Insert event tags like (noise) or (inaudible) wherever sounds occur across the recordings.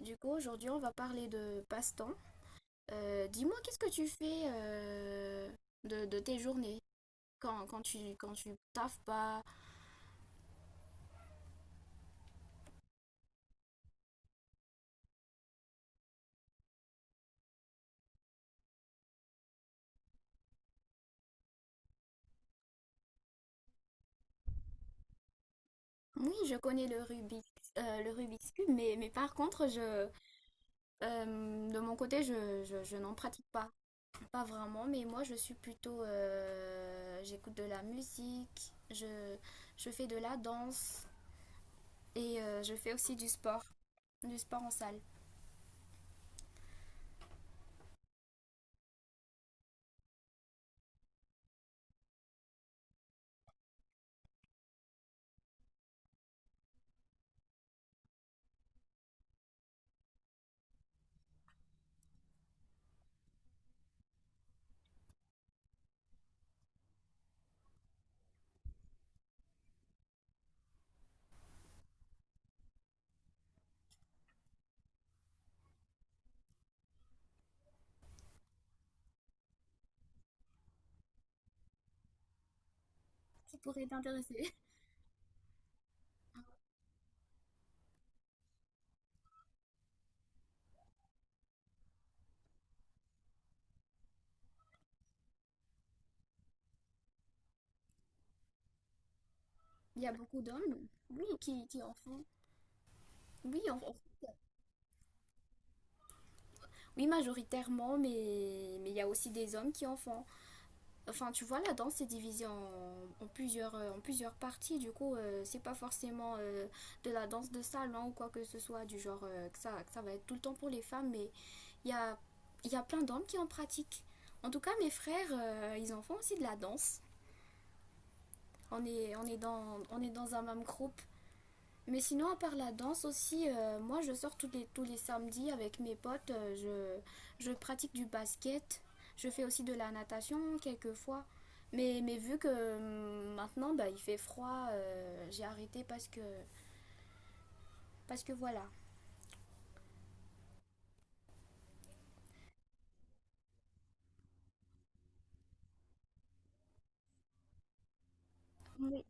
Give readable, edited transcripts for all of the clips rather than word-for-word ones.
Du coup, aujourd'hui, on va parler de passe-temps. Dis-moi, qu'est-ce que tu fais de tes journées quand tu taffes pas? Oui, je connais le Rubik, le Rubik's Cube, mais par contre, de mon côté, je n'en pratique pas. Pas vraiment, mais moi, je suis plutôt j'écoute de la musique, je fais de la danse et je fais aussi du sport en salle. Ça pourrait t'intéresser. (laughs) Il y a beaucoup d'hommes, oui, qui en font. Oui, en- en- oui, majoritairement, mais il y a aussi des hommes qui en font. Enfin, tu vois, la danse c'est divisé en, en plusieurs, en plusieurs parties. Du coup, c'est pas forcément de la danse de salon ou quoi que ce soit, du genre que ça va être tout le temps pour les femmes, mais il y a, il y a plein d'hommes qui en pratiquent. En tout cas, mes frères, ils en font aussi de la danse. On est dans un même groupe. Mais sinon, à part la danse aussi, moi je sors tous les samedis avec mes potes, je pratique du basket, je fais aussi de la natation quelquefois. Mais vu que maintenant bah, il fait froid, j'ai arrêté parce que voilà. Oui.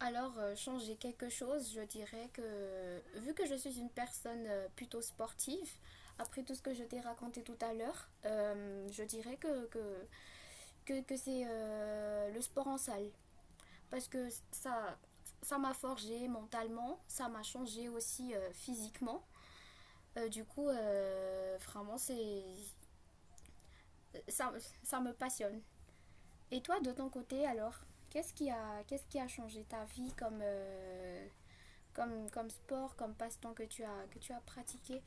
Alors, changer quelque chose, je dirais que vu que je suis une personne plutôt sportive, après tout ce que je t'ai raconté tout à l'heure, je dirais que c'est le sport en salle. Parce que ça m'a forgé mentalement, ça m'a changé aussi physiquement. Vraiment, ça, ça me passionne. Et toi, de ton côté, alors, qu'est-ce qui a changé ta vie comme, comme sport, comme passe-temps que tu as pratiqué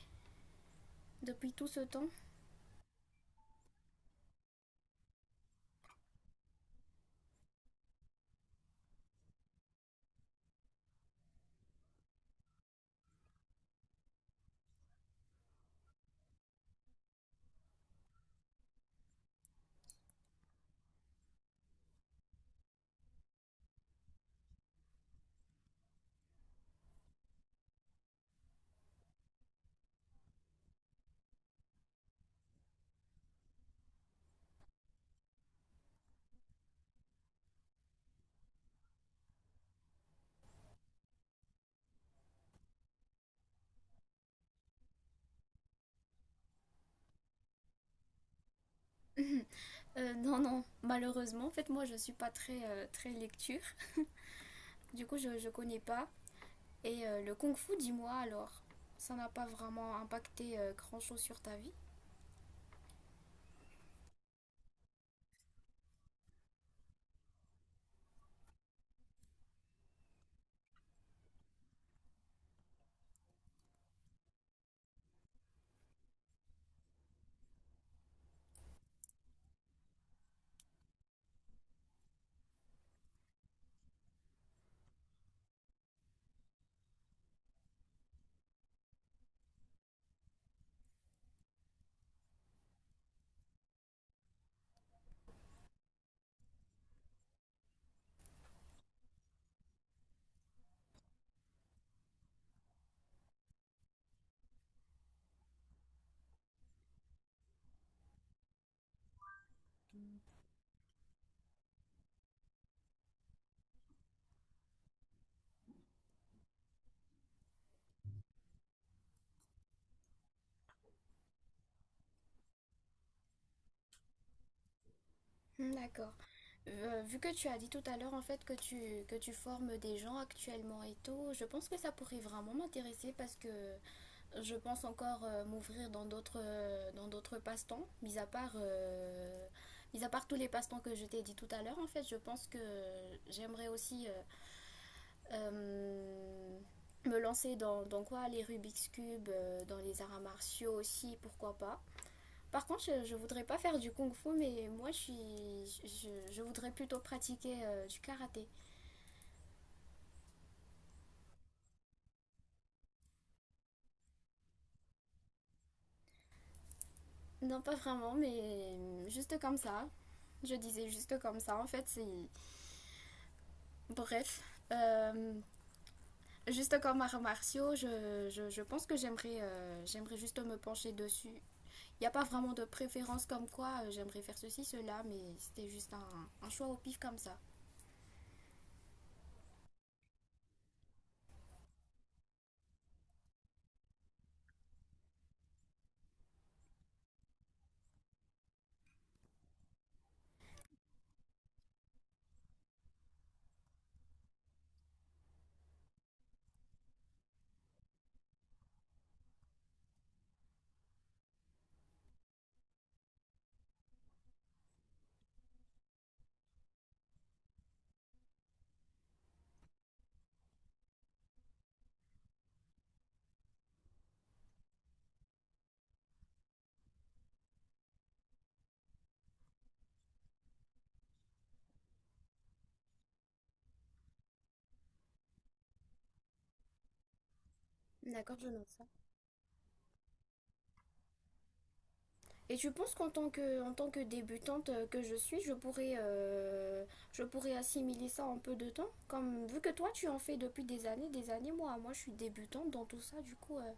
depuis tout ce temps? (clears throat) (laughs) euh, Non, non, malheureusement, en fait, moi, je suis pas très, très lecture. Du coup, je ne connais pas. Et le kung fu, dis-moi alors, ça n'a pas vraiment impacté grand-chose sur ta vie? Hmm, d'accord. Vu que tu as dit tout à l'heure en fait que tu formes des gens actuellement et tout, je pense que ça pourrait vraiment m'intéresser parce que je pense encore m'ouvrir dans d'autres passe-temps, mis à part tous les passe-temps que je t'ai dit tout à l'heure. En fait, je pense que j'aimerais aussi Euh, me lancer dans, dans quoi, les Rubik's Cube, dans les arts martiaux aussi, pourquoi pas. Par contre, je voudrais pas faire du kung fu, mais moi je voudrais plutôt pratiquer du karaté. Non, pas vraiment, mais juste comme ça. Je disais juste comme ça, en fait, c'est. Bref. Euh, Juste comme arts martiaux, je pense que j'aimerais j'aimerais juste me pencher dessus. Il n'y a pas vraiment de préférence comme quoi j'aimerais faire ceci, cela, mais c'était juste un choix au pif comme ça. D'accord, je note ça. Et tu penses qu'en tant que, en tant que débutante que je suis, je pourrais assimiler ça en peu de temps? Comme, vu que toi, tu en fais depuis des années, je suis débutante dans tout ça, du coup,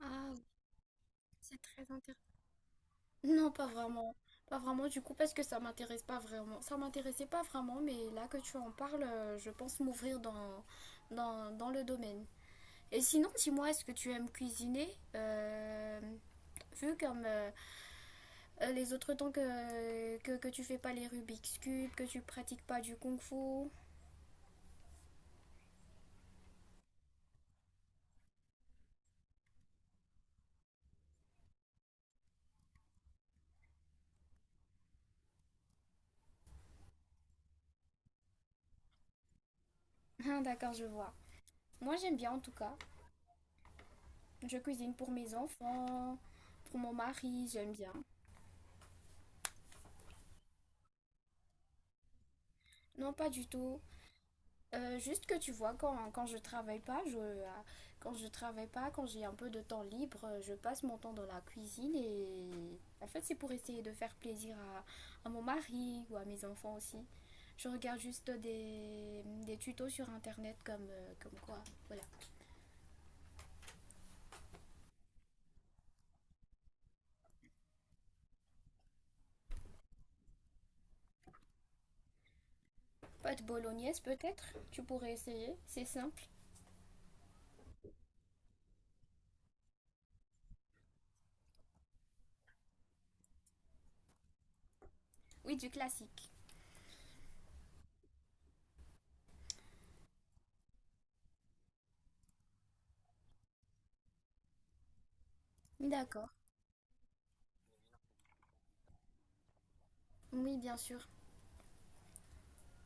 Ah, c'est très intéressant. Non, pas vraiment. Pas vraiment, du coup, parce que ça m'intéresse pas vraiment. Ça m'intéressait pas vraiment, mais là que tu en parles, je pense m'ouvrir dans, dans le domaine. Et sinon, dis-moi, est-ce que tu aimes cuisiner? Euh, vu comme les autres temps que tu fais pas les Rubik's Cube, que tu pratiques pas du Kung Fu. Ah, d'accord, je vois. Moi, j'aime bien en tout cas. Je cuisine pour mes enfants, pour mon mari, j'aime bien. Non, pas du tout. Juste que tu vois, quand je travaille pas, quand je travaille pas, quand j'ai un peu de temps libre, je passe mon temps dans la cuisine et en fait c'est pour essayer de faire plaisir à mon mari ou à mes enfants aussi. Je regarde juste des tutos sur internet comme, comme quoi. Voilà. Pâte bolognaise peut-être, tu pourrais essayer, c'est simple. Oui, du classique. D'accord. Oui, bien sûr.